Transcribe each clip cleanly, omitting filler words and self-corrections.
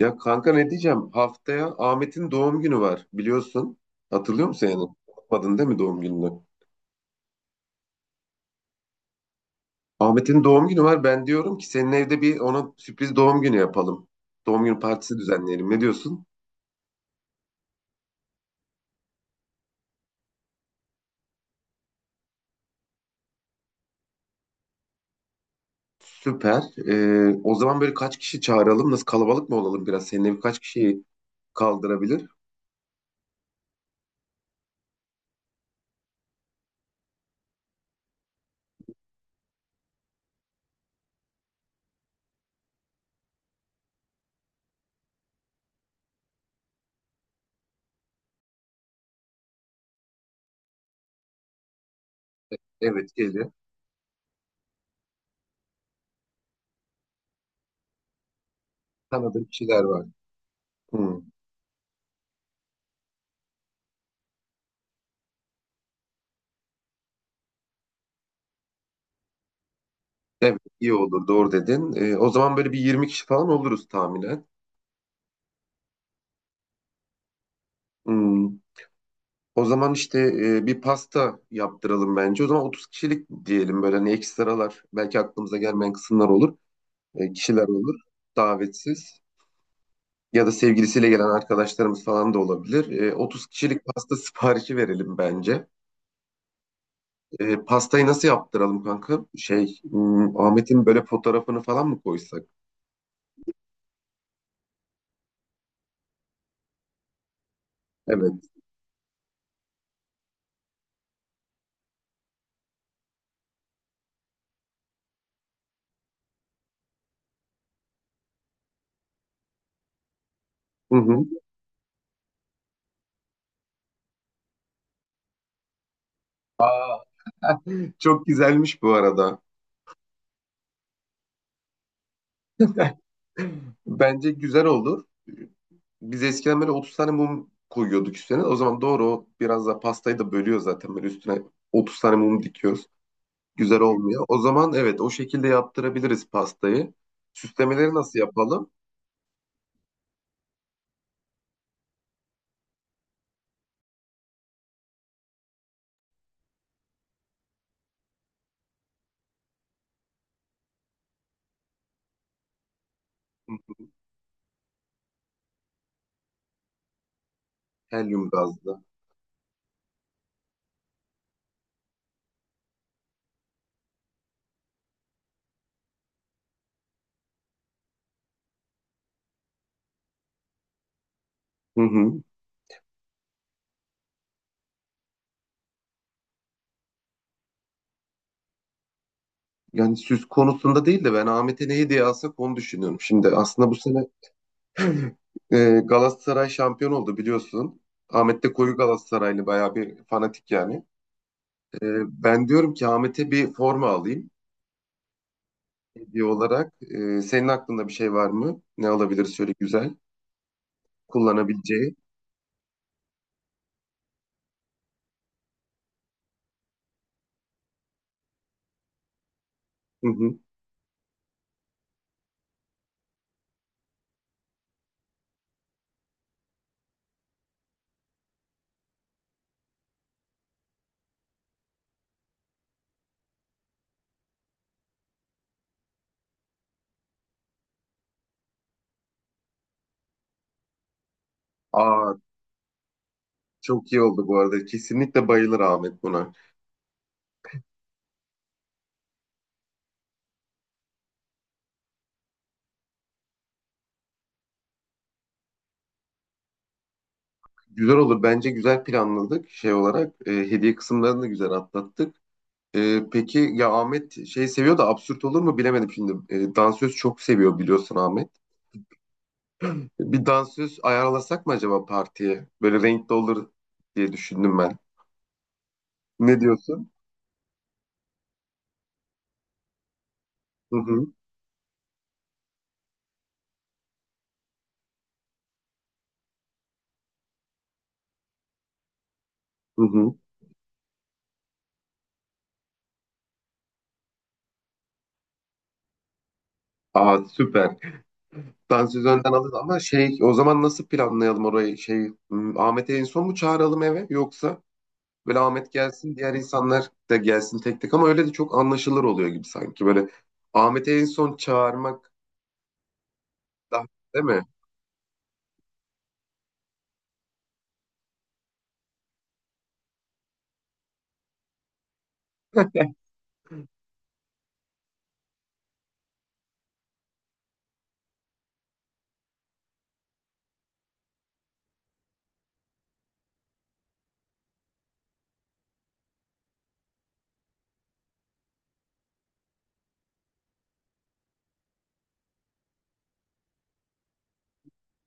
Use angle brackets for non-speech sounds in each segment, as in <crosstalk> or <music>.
Ya kanka, ne diyeceğim? Haftaya Ahmet'in doğum günü var, biliyorsun. Hatırlıyor musun yani? Unutmadın değil mi doğum gününü? Ahmet'in doğum günü var. Ben diyorum ki senin evde bir ona sürpriz doğum günü yapalım. Doğum günü partisi düzenleyelim. Ne diyorsun? Süper. O zaman böyle kaç kişi çağıralım? Nasıl, kalabalık mı olalım biraz? Senin ev kaç kişiyi kaldırabilir? Evet, gelir. Tanıdığım kişiler var. Hmm. Evet, iyi olur, doğru dedin. O zaman böyle bir 20 kişi falan oluruz tahminen. Hmm. O zaman işte bir pasta yaptıralım bence. O zaman 30 kişilik diyelim, böyle hani ekstralar, belki aklımıza gelmeyen kısımlar olur. E, kişiler olur davetsiz ya da sevgilisiyle gelen arkadaşlarımız falan da olabilir. 30 kişilik pasta siparişi verelim bence. Pastayı nasıl yaptıralım kanka? Şey, Ahmet'in böyle fotoğrafını falan mı koysak? Evet. Hı hı. Aa, çok güzelmiş bu arada. <laughs> Bence güzel olur. Biz eskiden böyle 30 tane mum koyuyorduk üstüne. O zaman doğru, o biraz da pastayı da bölüyor zaten. Böyle üstüne 30 tane mum dikiyoruz. Güzel olmuyor. O zaman evet, o şekilde yaptırabiliriz pastayı. Süslemeleri nasıl yapalım? Helyum gazlı. Hı hı. Yani süs konusunda değil de ben Ahmet'e ne hediye alsak onu düşünüyorum. Şimdi aslında bu sene Galatasaray şampiyon oldu biliyorsun. Ahmet de koyu Galatasaraylı, bayağı bir fanatik yani. Ben diyorum ki Ahmet'e bir forma alayım hediye olarak. Senin aklında bir şey var mı? Ne alabilir şöyle güzel kullanabileceği? Hı hı. Aa, çok iyi oldu bu arada. Kesinlikle bayılır Ahmet buna. Güzel olur. Bence güzel planladık şey olarak. Hediye kısımlarını da güzel atlattık. Peki ya Ahmet şey seviyor da, absürt olur mu bilemedim şimdi. Dansöz çok seviyor biliyorsun, Ahmet. Bir dansöz ayarlasak mı acaba partiye? Böyle renkli olur diye düşündüm ben. Ne diyorsun? Hı hı. Hı hı. Aa, süper. Dansöz önden alırız ama şey, o zaman nasıl planlayalım orayı? Şey, Ahmet'i en son mu çağıralım eve, yoksa böyle Ahmet gelsin diğer insanlar da gelsin tek tek, ama öyle de çok anlaşılır oluyor gibi sanki. Böyle Ahmet'i en son çağırmak daha, değil mi? <laughs>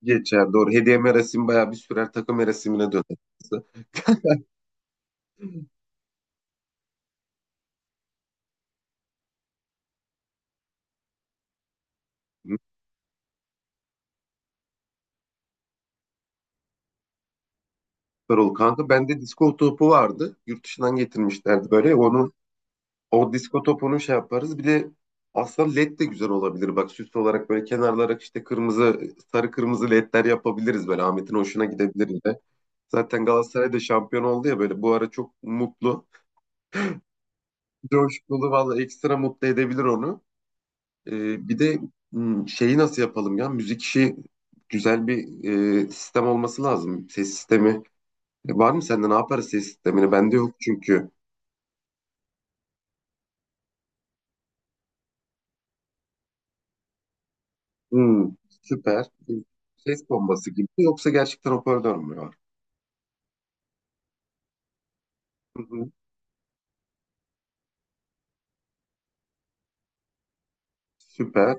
Geçer, doğru. Hediye merasimi bayağı bir sürer, takım merasimine döner. Süper oldu kanka. Bende disko topu vardı. Yurt dışından getirmişlerdi böyle. Onu, o disko topunu şey yaparız. Bir de aslında led de güzel olabilir. Bak, süs olarak böyle kenarlara işte kırmızı, sarı kırmızı ledler yapabiliriz böyle. Ahmet'in hoşuna gidebilir yine. Zaten Galatasaray da şampiyon oldu ya, böyle bu ara çok mutlu. Coşkulu valla, ekstra mutlu edebilir onu. Bir de şeyi nasıl yapalım ya? Müzik işi, güzel bir sistem olması lazım. Ses sistemi. E, var mı sende, ne yaparız ses sistemini? Bende yok çünkü. Hmm, süper. Bir ses bombası gibi mi, yoksa gerçekten hoparlör mü var? Hı hı. Süper.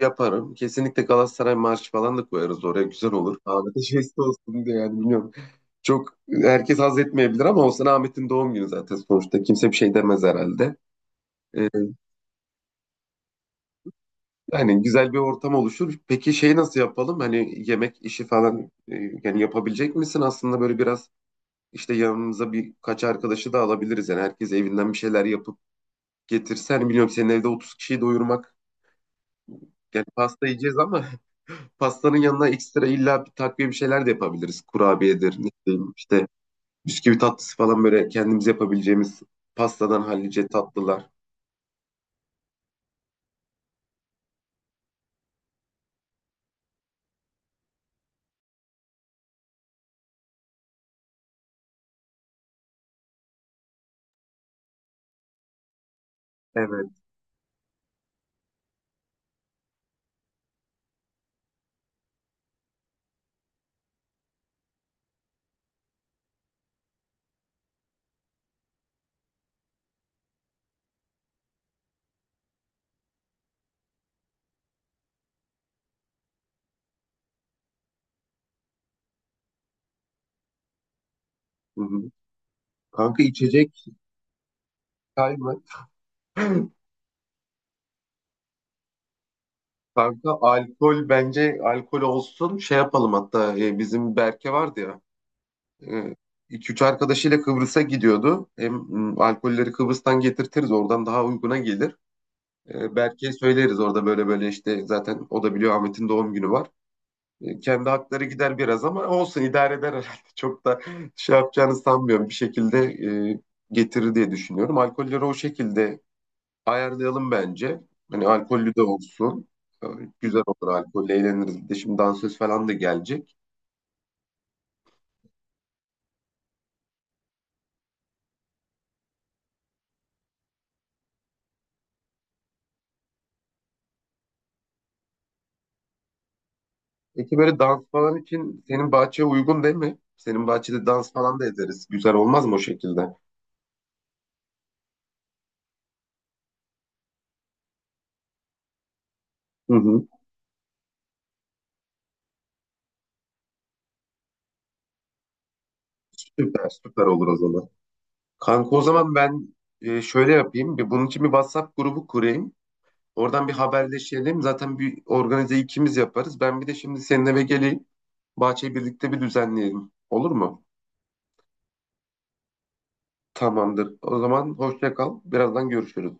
Yaparım. Kesinlikle Galatasaray marşı falan da koyarız oraya. Güzel olur. Ahmet'e jest olsun diye yani, bilmiyorum. Çok, herkes haz etmeyebilir ama olsun, Ahmet'in doğum günü zaten sonuçta. Kimse bir şey demez herhalde. Ee, Yani güzel bir ortam oluşur. Peki şey nasıl yapalım? Hani yemek işi falan, yani yapabilecek misin? Aslında böyle biraz işte yanımıza birkaç arkadaşı da alabiliriz. Yani herkes evinden bir şeyler yapıp getirsen, biliyorum senin evde 30 kişiyi doyurmak. Yani pasta yiyeceğiz ama <laughs> pastanın yanına ekstra illa bir takviye bir şeyler de yapabiliriz. Kurabiyedir, ne bileyim işte bisküvi tatlısı falan, böyle kendimiz yapabileceğimiz pastadan hallice tatlılar. Evet. Hı hı. Kanka içecek çay mı? <clears throat> <laughs> Kanka alkol, bence alkol olsun. Şey yapalım hatta, bizim Berke vardı ya. E, 2 3 arkadaşıyla Kıbrıs'a gidiyordu. Hem alkolleri Kıbrıs'tan getirtiriz, oradan daha uyguna gelir. E, Berke'ye söyleriz, orada böyle böyle işte, zaten o da biliyor Ahmet'in doğum günü var. E, kendi hakları gider biraz ama olsun, idare eder herhalde. <laughs> Çok da şey yapacağını sanmıyorum. Bir şekilde e, getirir diye düşünüyorum. Alkolleri o şekilde ayarlayalım bence. Hani alkollü de olsun. E, Güzel olur, alkolle eğleniriz. Bir de şimdi dansöz falan da gelecek. Peki böyle dans falan için senin bahçeye uygun değil mi? Senin bahçede dans falan da ederiz. Güzel olmaz mı o şekilde? Hı hı. Süper, süper olur o zaman. Kanka, o zaman ben şöyle yapayım. Bir, bunun için bir WhatsApp grubu kurayım. Oradan bir haberleşelim. Zaten bir organize ikimiz yaparız. Ben bir de şimdi senin eve geleyim. Bahçeyi birlikte bir düzenleyelim. Olur mu? Tamamdır. O zaman hoşça kal. Birazdan görüşürüz.